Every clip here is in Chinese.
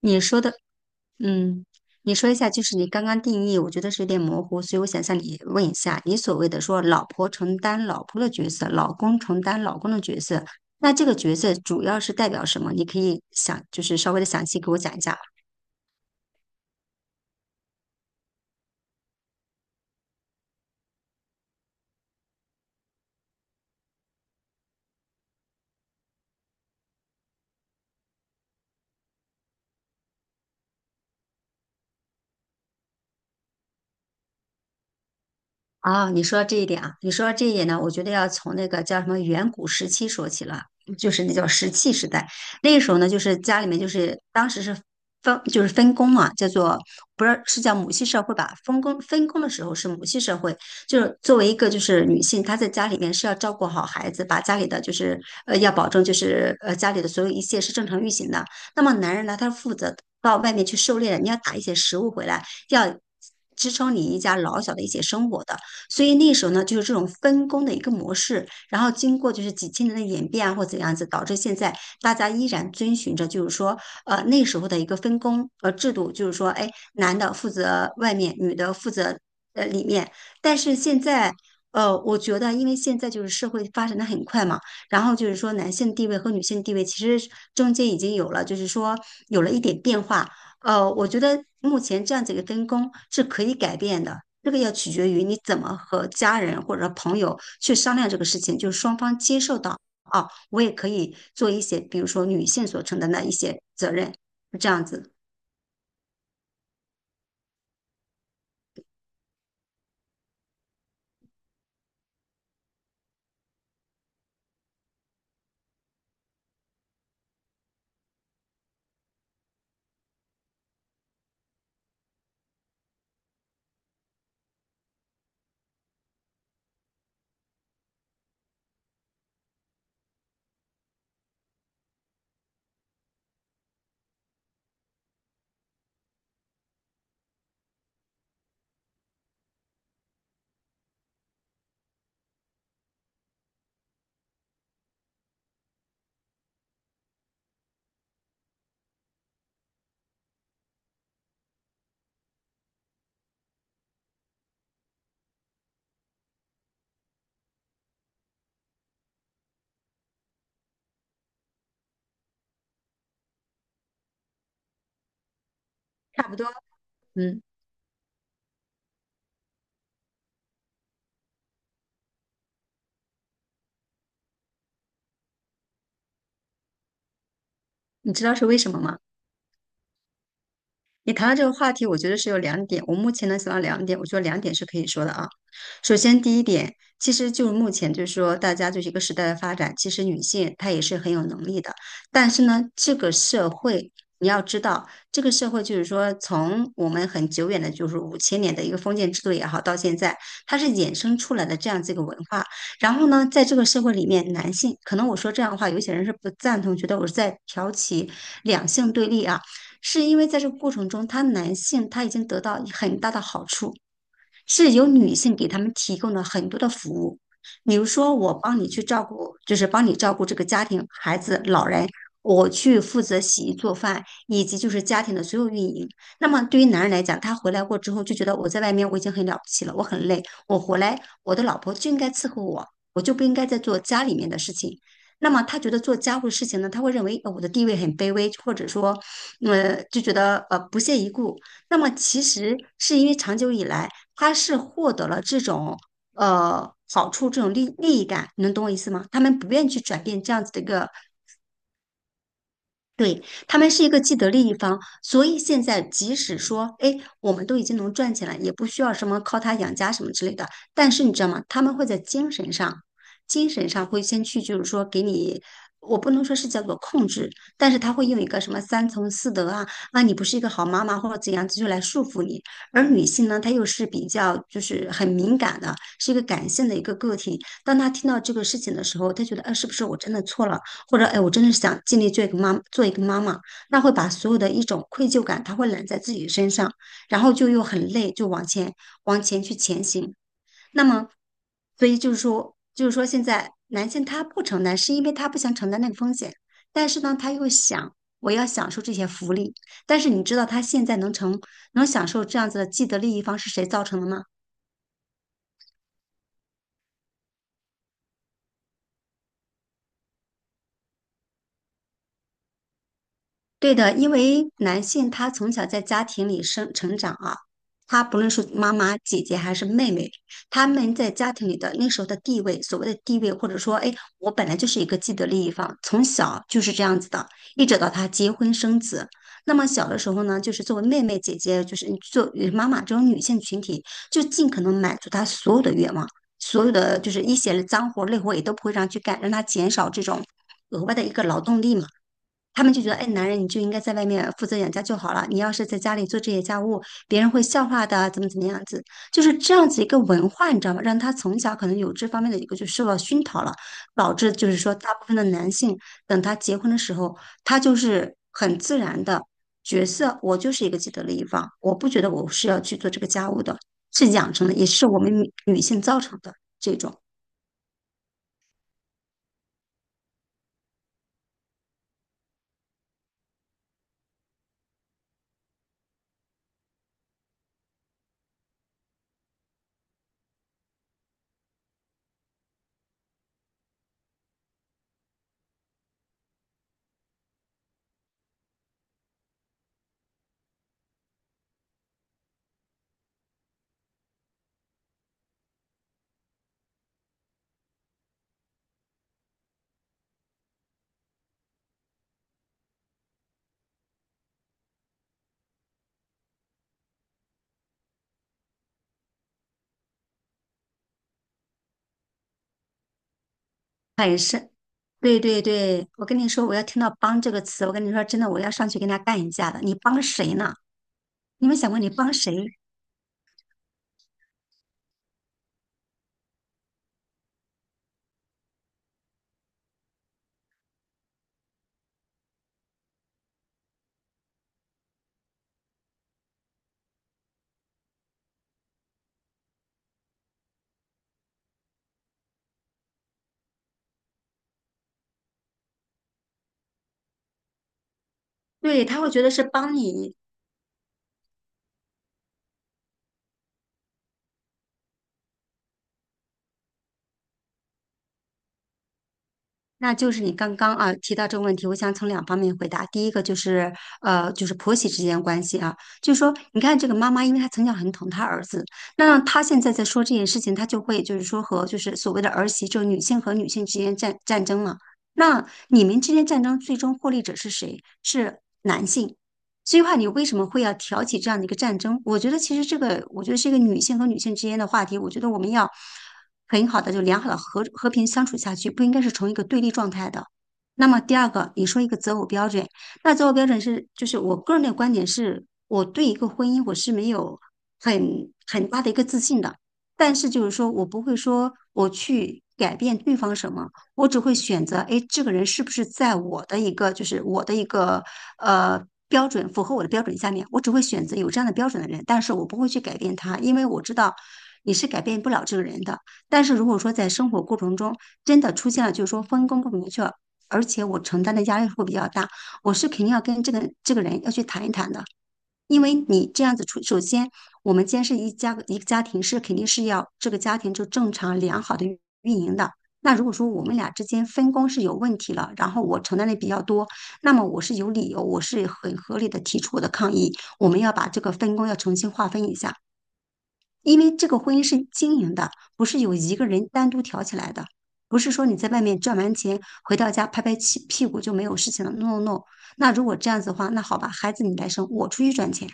你说的，嗯，你说一下，就是你刚刚定义，我觉得是有点模糊，所以我想向你问一下，你所谓的说老婆承担老婆的角色，老公承担老公的角色，那这个角色主要是代表什么？你可以想，就是稍微的详细给我讲一下吗？啊，你说这一点呢，我觉得要从那个叫什么远古时期说起了，就是那叫石器时代。那个时候呢，就是家里面就是当时是分就是分工嘛，叫做，不是，是叫母系社会吧？分工的时候是母系社会，就是作为一个就是女性，她在家里面是要照顾好孩子，把家里的就是要保证就是家里的所有一切是正常运行的。那么男人呢，他是负责到外面去狩猎的，你要打一些食物回来，要支撑你一家老小的一些生活的。所以那时候呢，就是这种分工的一个模式，然后经过就是几千年的演变啊，或怎样子，导致现在大家依然遵循着就是说，那时候的一个分工制度，就是说，哎，男的负责外面，女的负责里面。但是现在，我觉得因为现在就是社会发展的很快嘛，然后就是说男性地位和女性地位其实中间已经有了，就是说有了一点变化。我觉得目前这样子一个分工是可以改变的，这个要取决于你怎么和家人或者朋友去商量这个事情，就是双方接受到啊，我也可以做一些，比如说女性所承担的一些责任，这样子差不多。嗯，你知道是为什么吗？你谈到这个话题，我觉得是有两点。我目前能想到两点，我觉得两点是可以说的啊。首先，第一点，其实就是目前就是说，大家就是一个时代的发展，其实女性她也是很有能力的。但是呢，这个社会你要知道，这个社会就是说，从我们很久远的，就是五千年的一个封建制度也好，到现在，它是衍生出来的这样子一个文化。然后呢，在这个社会里面，男性可能我说这样的话，有些人是不赞同，觉得我是在挑起两性对立啊。是因为在这个过程中，他男性他已经得到很大的好处，是由女性给他们提供了很多的服务，比如说我帮你去照顾，就是帮你照顾这个家庭、孩子、老人，我去负责洗衣做饭，以及就是家庭的所有运营。那么对于男人来讲，他回来过之后就觉得我在外面我已经很了不起了，我很累，我回来我的老婆就应该伺候我，我就不应该再做家里面的事情。那么他觉得做家务的事情呢，他会认为我的地位很卑微，或者说，就觉得不屑一顾。那么其实是因为长久以来，他是获得了这种好处，这种利益感，你能懂我意思吗？他们不愿意去转变这样子的一个。对，他们是一个既得利益方，所以现在即使说，哎，我们都已经能赚钱了，也不需要什么靠他养家什么之类的。但是你知道吗？他们会在精神上，精神上会先去，就是说给你，我不能说是叫做控制，但是他会用一个什么三从四德啊，啊，你不是一个好妈妈或者怎样子，就来束缚你。而女性呢，她又是比较就是很敏感的，是一个感性的一个个体。当她听到这个事情的时候，她觉得，啊，是不是我真的错了？或者哎，我真的是想尽力做一个妈，做一个妈妈，那会把所有的一种愧疚感，它会揽在自己身上，然后就又很累，就往前去前行。那么，所以就是说，就是说现在男性他不承担，是因为他不想承担那个风险，但是呢，他又想我要享受这些福利，但是你知道他现在能享受这样子的既得利益方是谁造成的吗？对的，因为男性他从小在家庭里生成长啊，他不论是妈妈、姐姐还是妹妹，他们在家庭里的那时候的地位，所谓的地位，或者说，哎，我本来就是一个既得利益方，从小就是这样子的，一直到他结婚生子。那么小的时候呢，就是作为妹妹、姐姐，就是作为妈妈这种女性群体，就尽可能满足她所有的愿望，所有的就是一些脏活累活也都不会让去干，让她减少这种额外的一个劳动力嘛。他们就觉得，哎，男人你就应该在外面负责养家就好了，你要是在家里做这些家务，别人会笑话的，怎么怎么样子，就是这样子一个文化，你知道吗？让他从小可能有这方面的一个就受到熏陶了，导致就是说，大部分的男性等他结婚的时候，他就是很自然的角色，我就是一个既得利益方，我不觉得我是要去做这个家务的，是养成的，也是我们女性造成的这种。他也是。对对对，我跟你说，我要听到“帮”这个词，我跟你说，真的，我要上去跟他干一架的。你帮谁呢？你有没有想过你帮谁？对，他会觉得是帮你。那就是你刚刚啊提到这个问题，我想从两方面回答。第一个就是就是婆媳之间关系啊，就是说，你看这个妈妈，因为她从小很疼她儿子，那她现在在说这件事情，她就会就是说和就是所谓的儿媳，就是女性和女性之间战争嘛。那你们之间战争最终获利者是谁？是男性。所以话，你为什么会要挑起这样的一个战争？我觉得其实这个，我觉得是一个女性和女性之间的话题。我觉得我们要，很好的就良好的和和平相处下去，不应该是从一个对立状态的。那么第二个，你说一个择偶标准，那择偶标准是就是我个人的观点是，我对一个婚姻我是没有很大的一个自信的，但是就是说我不会说我去改变对方什么，我只会选择，哎，这个人是不是在我的一个就是我的一个呃。标准符合我的标准下面，我只会选择有这样的标准的人，但是我不会去改变他，因为我知道你是改变不了这个人的。但是如果说在生活过程中真的出现了，就是说分工不明确，而且我承担的压力会比较大，我是肯定要跟这个人要去谈一谈的，因为你这样子出，首先我们既然是一家一个家庭，是肯定是要这个家庭就正常良好的运营的。那如果说我们俩之间分工是有问题了，然后我承担的比较多，那么我是有理由，我是很合理的提出我的抗议。我们要把这个分工要重新划分一下，因为这个婚姻是经营的，不是有一个人单独挑起来的，不是说你在外面赚完钱回到家拍拍屁股就没有事情了。No No No，那如果这样子的话，那好吧，孩子你来生，我出去赚钱。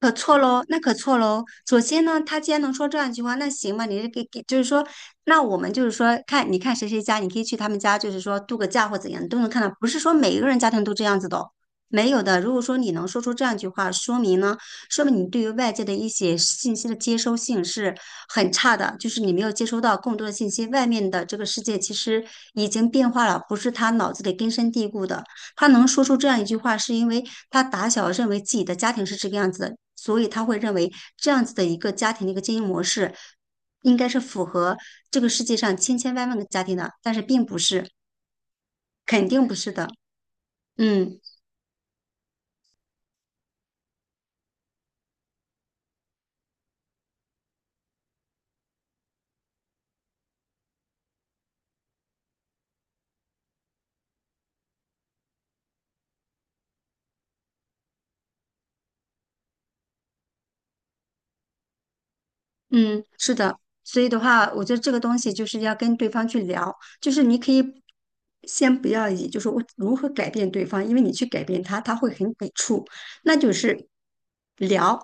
可错喽，那可错喽。首先呢，他既然能说这样一句话，那行吧，你是给，就是说，那我们就是说，看你看谁家，你可以去他们家，就是说度个假或怎样，你都能看到。不是说每一个人家庭都这样子的哦，没有的。如果说你能说出这样一句话，说明呢，说明你对于外界的一些信息的接收性是很差的，就是你没有接收到更多的信息。外面的这个世界其实已经变化了，不是他脑子里根深蒂固的。他能说出这样一句话，是因为他打小认为自己的家庭是这个样子的，所以他会认为这样子的一个家庭的一个经营模式，应该是符合这个世界上千千万万个家庭的，但是并不是，肯定不是的。嗯。嗯，是的，所以的话，我觉得这个东西就是要跟对方去聊，就是你可以先不要以就是我如何改变对方，因为你去改变他，他会很抵触，那就是聊，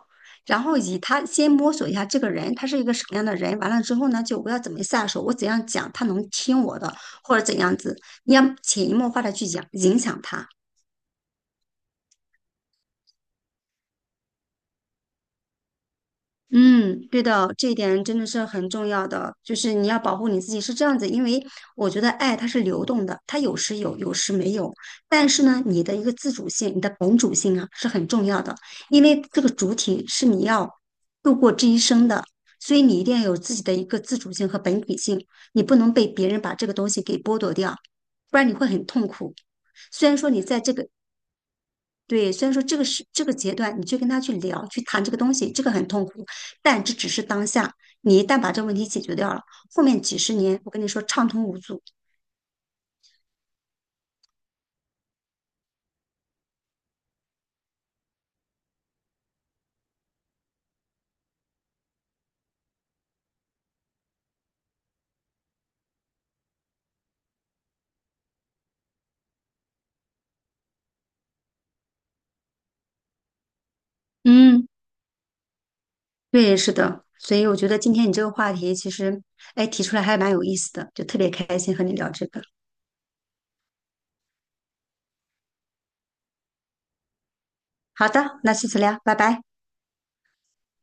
然后以他先摸索一下这个人，他是一个什么样的人，完了之后呢，就我要怎么下手，我怎样讲他能听我的，或者怎样子，你要潜移默化的去讲影响他。嗯，对的，这一点真的是很重要的，就是你要保护你自己是这样子，因为我觉得爱它是流动的，它有时有，有时没有。但是呢，你的一个自主性，你的本主性啊是很重要的，因为这个主体是你要度过这一生的，所以你一定要有自己的一个自主性和本体性，你不能被别人把这个东西给剥夺掉，不然你会很痛苦。虽然说你在这个对，虽然说这个是这个阶段，你去跟他去聊、去谈这个东西，这个很痛苦，但这只是当下。你一旦把这个问题解决掉了，后面几十年，我跟你说畅通无阻。嗯，对，是的。所以我觉得今天你这个话题其实，哎，提出来还蛮有意思的，就特别开心和你聊这个。好的，那下次聊，拜拜。